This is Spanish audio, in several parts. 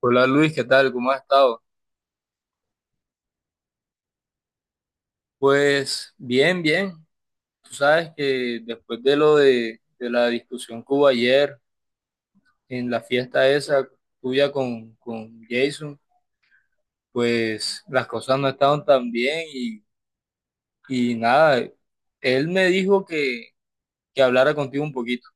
Hola Luis, ¿qué tal? ¿Cómo has estado? Pues bien, bien. Tú sabes que después de lo de la discusión que hubo ayer en la fiesta esa tuya con Jason, pues las cosas no estaban tan bien y nada, él me dijo que hablara contigo un poquito.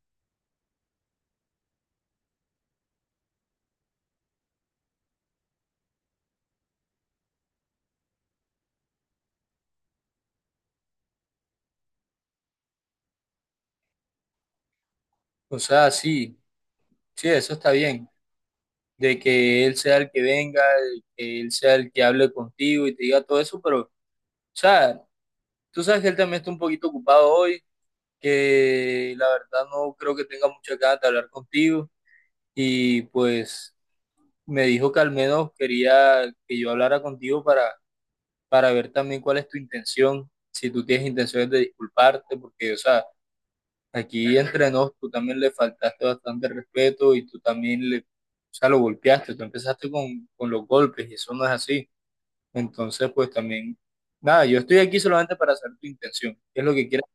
O sea, sí, sí, eso está bien, de que él sea el que venga, de que él sea el que hable contigo y te diga todo eso, pero, o sea, tú sabes que él también está un poquito ocupado hoy, que la verdad no creo que tenga muchas ganas de hablar contigo y pues me dijo que al menos quería que yo hablara contigo para ver también cuál es tu intención, si tú tienes intenciones de disculparte, porque, o sea, aquí entre nos tú también le faltaste bastante respeto y tú también le, o sea, lo golpeaste, tú empezaste con los golpes y eso no es así. Entonces, pues también, nada, yo estoy aquí solamente para saber tu intención, qué es lo que quieres.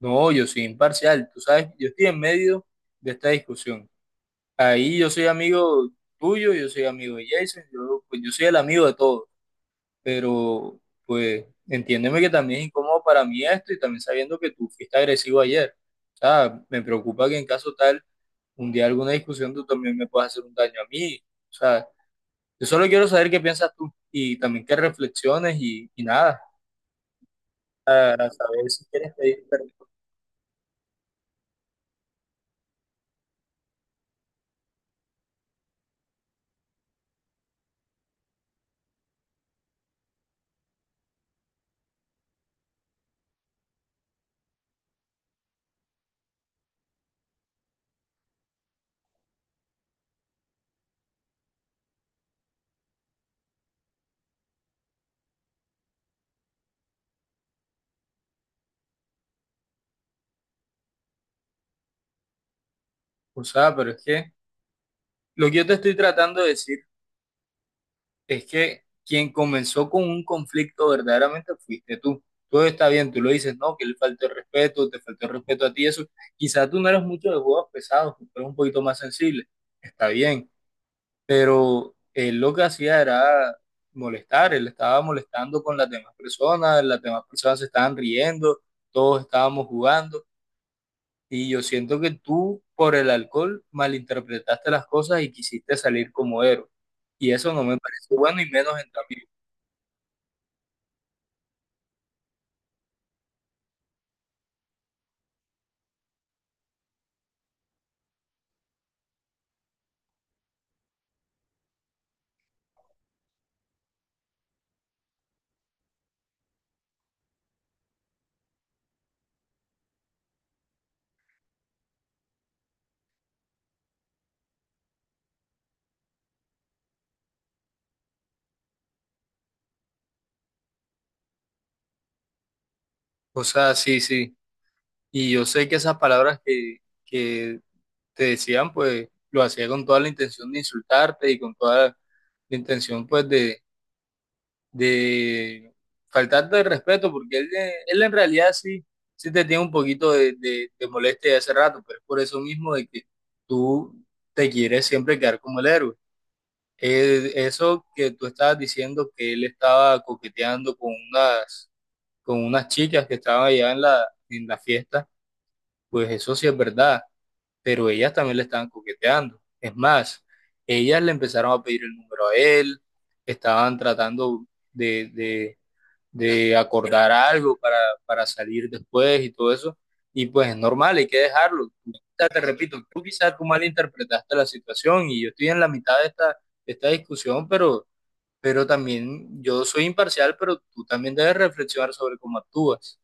No, yo soy imparcial, tú sabes, yo estoy en medio de esta discusión. Ahí yo soy amigo tuyo, yo soy amigo de Jason, yo, pues yo soy el amigo de todos, pero pues entiéndeme que también es incómodo para mí esto y también sabiendo que tú fuiste agresivo ayer. O sea, me preocupa que, en caso tal, un día, alguna discusión, tú también me puedas hacer un daño a mí. O sea, yo solo quiero saber qué piensas tú y también que reflexiones y nada, para saber si quieres pedir perdón. O sea, pero es que lo que yo te estoy tratando de decir es que quien comenzó con un conflicto verdaderamente fuiste tú. Todo está bien, tú lo dices, no, que le faltó el respeto, te faltó el respeto a ti, eso. Quizás tú no eres mucho de juegos pesados, tú eres un poquito más sensible, está bien, pero él lo que hacía era molestar, él estaba molestando con las demás personas se estaban riendo, todos estábamos jugando, y yo siento que tú, por el alcohol, malinterpretaste las cosas y quisiste salir como héroe, y eso no me parece bueno y menos en tu amigo. O sea, sí, sí. Y yo sé que esas palabras que te decían, pues lo hacía con toda la intención de insultarte y con toda la intención, pues, de faltarte el respeto, porque él, él en realidad sí, sí te tiene un poquito de molestia de hace rato, pero es por eso mismo de que tú te quieres siempre quedar como el héroe. Eso que tú estabas diciendo que él estaba coqueteando con unas chicas que estaban allá en la fiesta. Pues eso sí es verdad, pero ellas también le estaban coqueteando. Es más, ellas le empezaron a pedir el número a él, estaban tratando de, de- de acordar algo para salir después y todo eso. Y pues es normal, hay que dejarlo. Ya te repito, tú quizás tú malinterpretaste la situación y yo estoy en la mitad de esta discusión, pero también yo soy imparcial, pero tú también debes reflexionar sobre cómo actúas.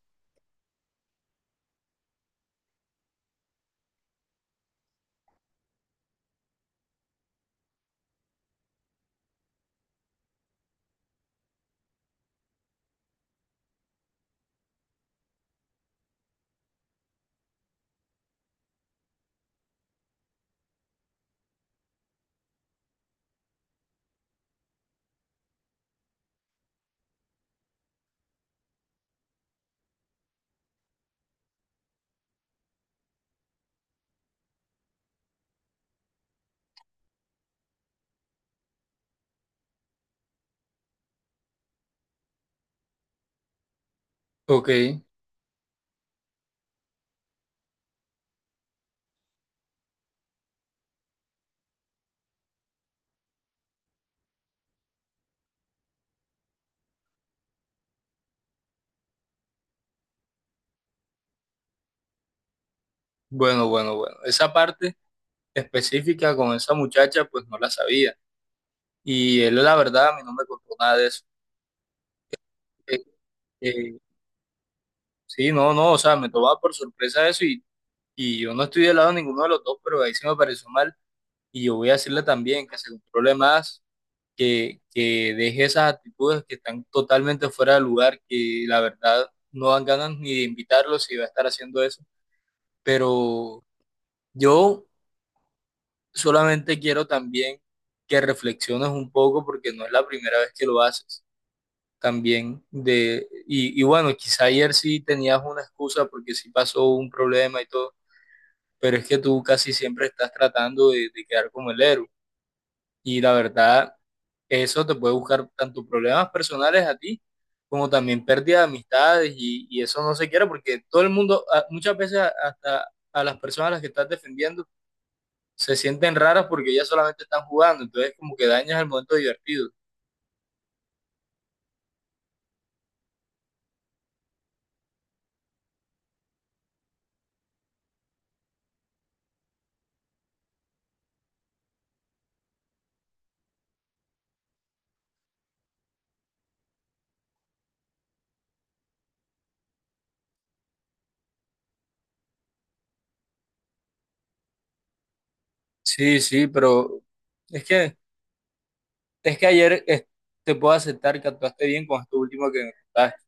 Ok, bueno, bueno, bueno. Esa parte específica con esa muchacha, pues no la sabía. Y él, la verdad, a mí no me contó nada de eso. Eh, eh, sí, no, no, o sea, me tomaba por sorpresa eso y yo no estoy del lado de ninguno de los dos, pero ahí sí me pareció mal. Y yo voy a decirle también que se controle más, que deje esas actitudes que están totalmente fuera de lugar, que la verdad no dan ganas ni de invitarlo si va a estar haciendo eso. Pero yo solamente quiero también que reflexiones un poco porque no es la primera vez que lo haces también de, y bueno, quizá ayer sí tenías una excusa porque sí pasó un problema y todo, pero es que tú casi siempre estás tratando de quedar como el héroe. Y la verdad, eso te puede buscar tanto problemas personales a ti como también pérdida de amistades y eso no se quiere, porque todo el mundo, muchas veces hasta a las personas a las que estás defendiendo se sienten raras porque ellas solamente están jugando, entonces como que dañas el momento divertido. Sí, sí, pero es que Es que ayer, te puedo aceptar que actuaste bien con esto último que me contaste,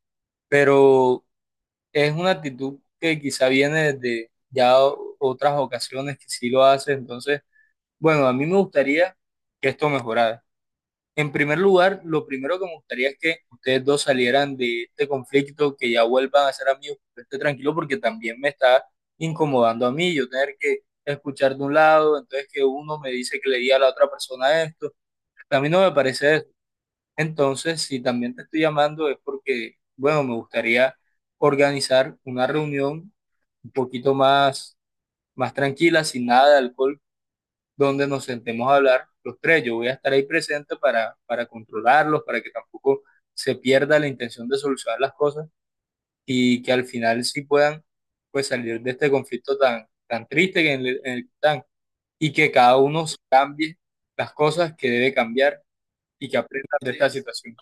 pero es una actitud que quizá viene desde ya otras ocasiones que sí lo haces, entonces, bueno, a mí me gustaría que esto mejorara. En primer lugar, lo primero que me gustaría es que ustedes dos salieran de este conflicto, que ya vuelvan a ser amigos, que yo esté tranquilo, porque también me está incomodando a mí, yo tener que escuchar de un lado, entonces, que uno me dice que le di a la otra persona esto, a mí no me parece. Entonces, si también te estoy llamando es porque, bueno, me gustaría organizar una reunión un poquito más tranquila, sin nada de alcohol, donde nos sentemos a hablar los tres. Yo voy a estar ahí presente para controlarlos, para que tampoco se pierda la intención de solucionar las cosas y que al final sí puedan pues salir de este conflicto tan triste, en el que están, y que cada uno cambie las cosas que debe cambiar y que aprenda de esta situación.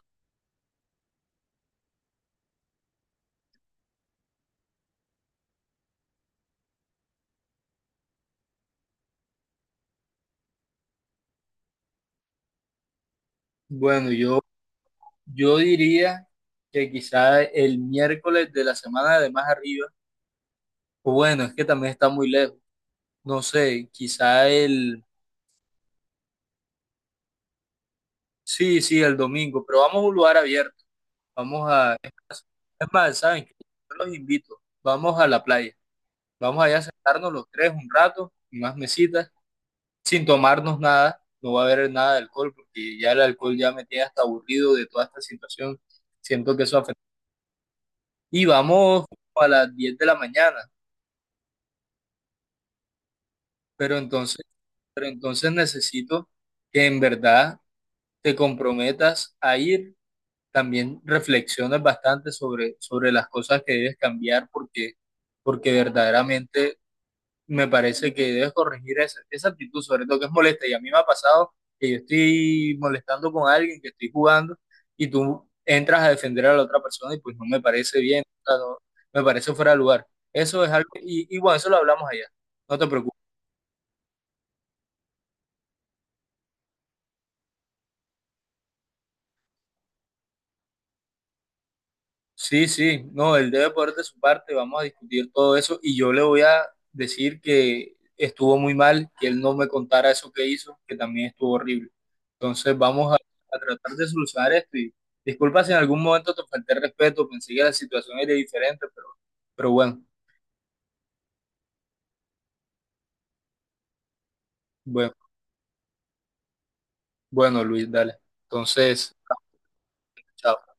Bueno, yo diría que quizá el miércoles de la semana de más arriba, o bueno, es que también está muy lejos, no sé, quizá el, sí, sí, el domingo, pero vamos a un lugar abierto, vamos a, es más, ¿saben qué? Yo los invito, vamos a la playa, vamos allá a sentarnos los tres un rato, unas mesitas, sin tomarnos nada, no va a haber nada de alcohol, porque ya el alcohol ya me tiene hasta aburrido de toda esta situación, siento que eso afecta. Y vamos como a las 10 de la mañana. Pero entonces, pero entonces necesito que en verdad te comprometas a ir, también reflexiones bastante sobre las cosas que debes cambiar, porque verdaderamente me parece que debes corregir esa actitud, sobre todo que es molesta. Y a mí me ha pasado que yo estoy molestando con alguien, que estoy jugando, y tú entras a defender a la otra persona y pues no me parece bien, o sea, me parece fuera de lugar. Eso es algo, y bueno, eso lo hablamos allá, no te preocupes. Sí, sí, no, él debe poner de su parte, vamos a discutir todo eso y yo le voy a decir que estuvo muy mal, que él no me contara eso que hizo, que también estuvo horrible. Entonces vamos a tratar de solucionar esto y disculpa si en algún momento te falté el respeto, pensé que la situación era diferente, pero bueno, bueno, bueno, Luis, dale. Entonces, chao.